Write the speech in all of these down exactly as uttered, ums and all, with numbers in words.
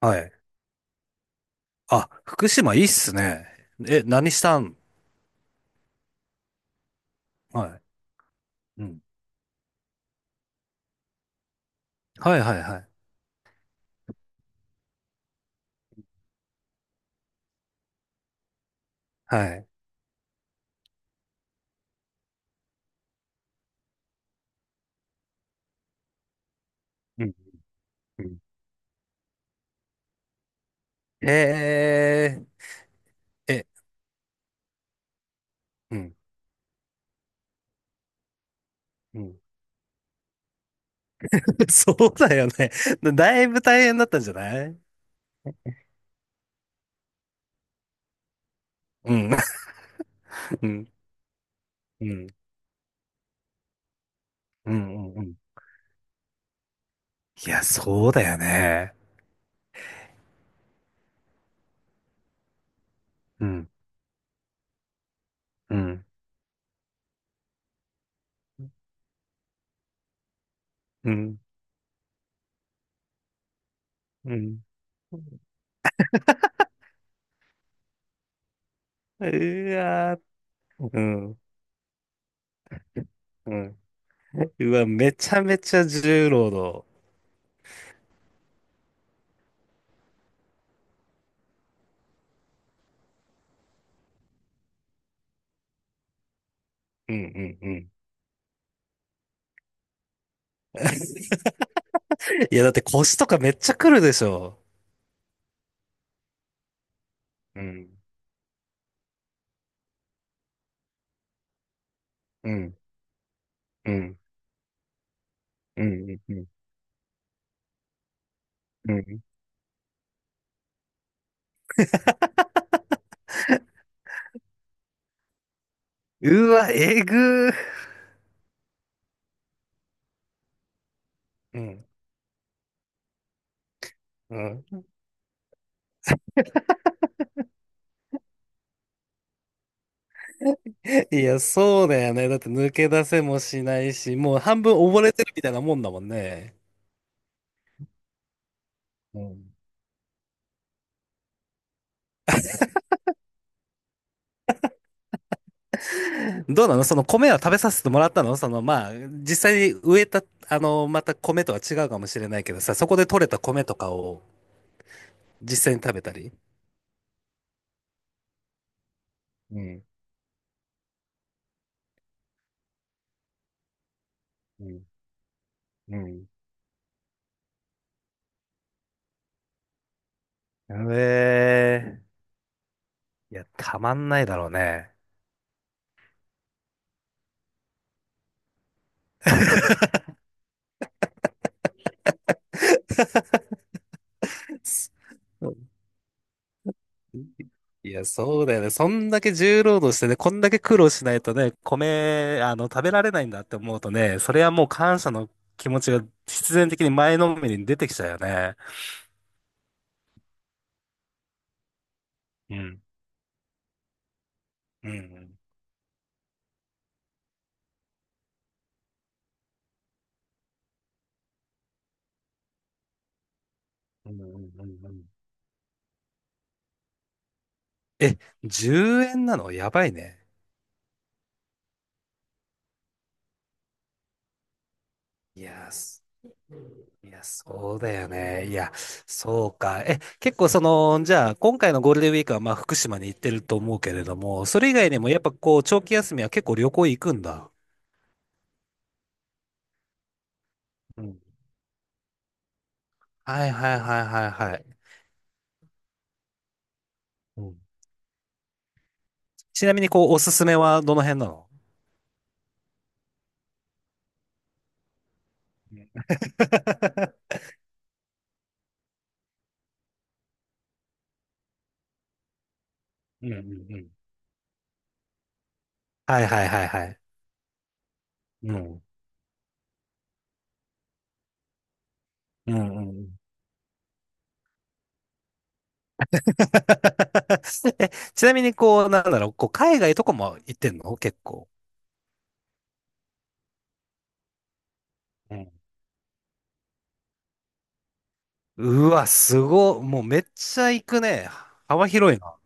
はい。あ、福島いいっすね。え、何したん？はい。うん。はいはいはい。はい。うん。うん。へえ、え、うん。うん。そうだよね。だいぶ大変だったんじゃない？うん。うん。うん。うん。うん。いや、そうだよね。うん。うん。うん。うん。うわー、うん。うん。うわ、めちゃめちゃ重労働。うんうんうん。いや、だって腰とかめっちゃくるでしょ。うん。うん、うん、うん、うん、うん。うん。うわ、えぐー。うん。うん。 いや、そうだよね。だって抜け出せもしないし、もう半分溺れてるみたいなもんだもんね。うん。どうなのその米は食べさせてもらったのその、まあ、実際に植えた、あの、また米とは違うかもしれないけどさ、そこで採れた米とかを実際に食べたり。うん、うん、うん。うえー。いや、たまんないだろうね。そいや、そうだよね。そんだけ重労働してね、こんだけ苦労しないとね、米、あの、食べられないんだって思うとね、それはもう感謝の気持ちが必然的に前のめりに出てきちゃうよね。うん。うん。うんうんうんうん。え、じゅうえんなのやばいね。いや、すいや、そうだよね。いや、そうか。え、結構その、じゃあ、今回のゴールデンウィークはまあ福島に行ってると思うけれども、それ以外にもやっぱこう、長期休みは結構旅行行くんだ。うん。はいはいはいはいはい。うん。ちなみに、こう、おすすめはどの辺なの？ うんうんうん。はいはいはいはい。うん。うんうんうん。え、ちなみに、こう、なんだろう、こう、海外とかも行ってんの結構。うん。うわ、すご、もうめっちゃ行くね。幅広いな。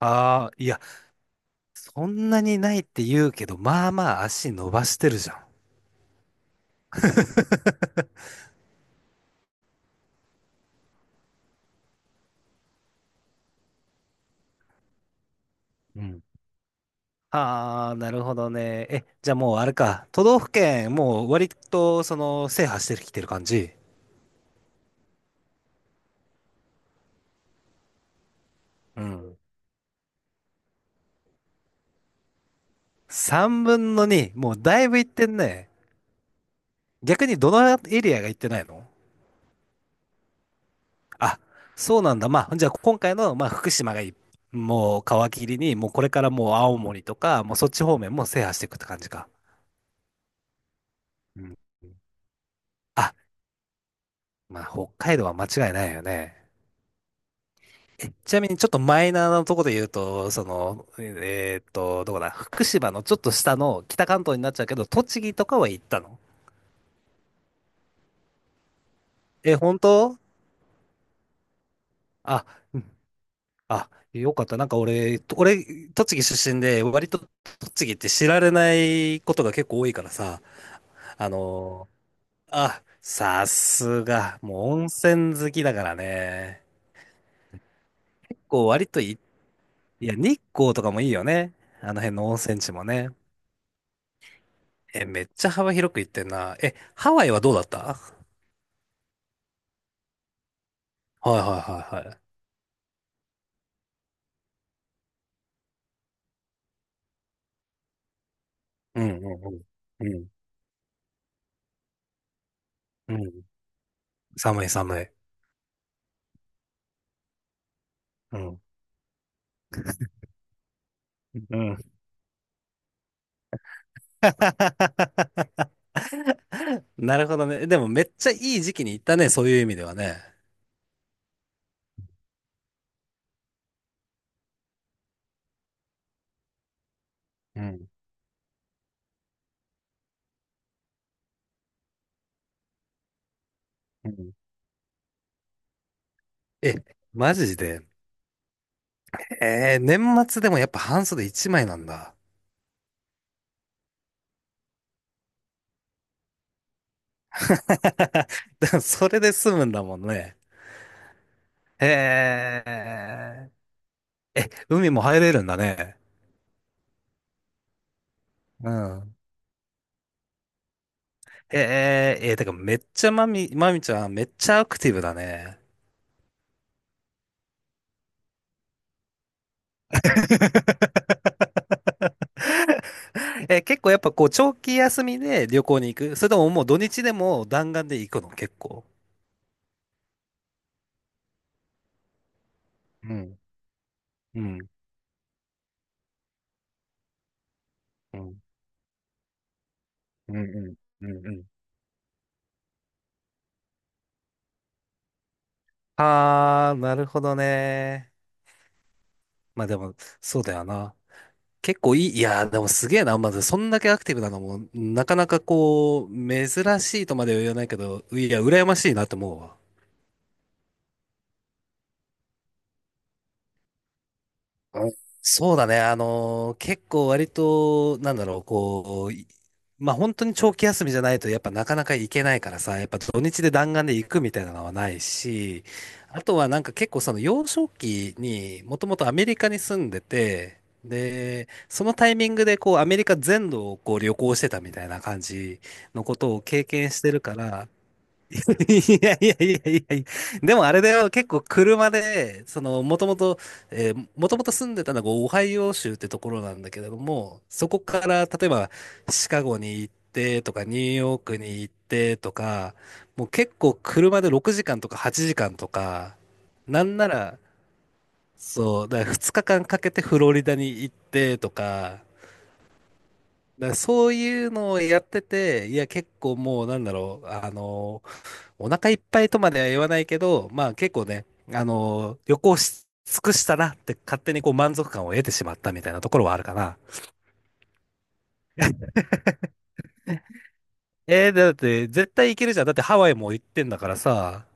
ああ、いや、そんなにないって言うけど、まあまあ足伸ばしてるじゃん。うん。ああ、なるほどね。え、じゃあもうあれか。都道府県、もう割と、その、制覇してきてる感じ。うん。さんぶんのに。もうだいぶ行ってんね。逆にどのエリアが行ってないの？あ、そうなんだ。まあ、じゃあ今回の、まあ、福島がいい、もう皮切りに、もうこれからもう青森とか、もうそっち方面も制覇していくって感じか。うん。あ、まあ、北海道は間違いないよね。ちなみにちょっとマイナーなところで言うと、その、えーっと、どこだ、福島のちょっと下の北関東になっちゃうけど、栃木とかは行ったの？え、本当？あ、うん。あ、よかった。なんか俺、俺、栃木出身で、割と栃木って知られないことが結構多いからさ、あの、あ、さすが、もう温泉好きだからね。こう割といい、いや、日光とかもいいよね。あの辺の温泉地もね。え、めっちゃ幅広く行ってんな。え、ハワイはどうだった？はいはいはいはい。うんうんうん。うん。うん。寒い寒い。うん。うん。なるほどね。でもめっちゃいい時期に行ったね、そういう意味ではね。うん。うん。え、マジで。えー、年末でもやっぱ半袖一枚なんだ。でもそれで済むんだもんね。へえ。え、海も入れるんだね。うん。えええー、てかめっちゃまみ、まみちゃんめっちゃアクティブだね。え結構やっぱこう長期休みで旅行に行くそれとももう土日でも弾丸で行くの結構。うん、うん、うん、うん、うん、うん。うん。ああ、なるほどね。まあでも、そうだよな。結構いい、いやー、でもすげえな。まず、そんだけアクティブなのも、なかなかこう、珍しいとまでは言わないけど、いや、羨ましいなって思うわ。あ、そうだね。あのー結構割と、なんだろう、こう、いまあ本当に長期休みじゃないと、やっぱなかなか行けないからさ、やっぱ土日で弾丸で行くみたいなのはないし、あとはなんか結構その幼少期にもともとアメリカに住んでて、で、そのタイミングでこうアメリカ全土をこう旅行してたみたいな感じのことを経験してるから、いやいやいやいやいや。でもあれだよ、結構車で、その、もともと、えー、もともと住んでたのがオハイオ州ってところなんだけれども、そこから、例えば、シカゴに行ってとか、ニューヨークに行ってとか、もう結構車でろくじかんとかはちじかんとか、なんなら、そう、だからふつかかんかんかけてフロリダに行ってとか、だからそういうのをやってて、いや結構もうなんだろう、あの、お腹いっぱいとまでは言わないけど、まあ結構ね、あのー旅行し尽くしたなって勝手にこう満足感を得てしまったみたいなところはあるかな。えー、だって絶対行けるじゃん。だってハワイも行ってんだからさ。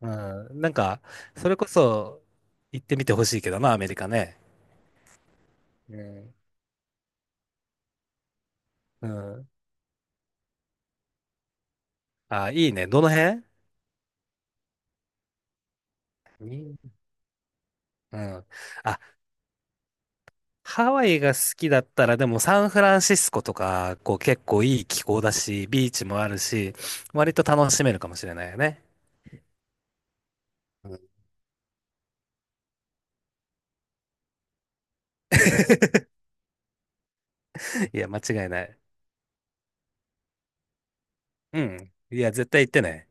うん、なんか、それこそ行ってみてほしいけどな、アメリカね。うん。うん。あ、いいね。どの辺？いい。うん。あ、ハワイが好きだったら、でもサンフランシスコとか、こう結構いい気候だし、ビーチもあるし、割と楽しめるかもしれないよね。うん。いや、間違いない。うん。いや、絶対行ってね。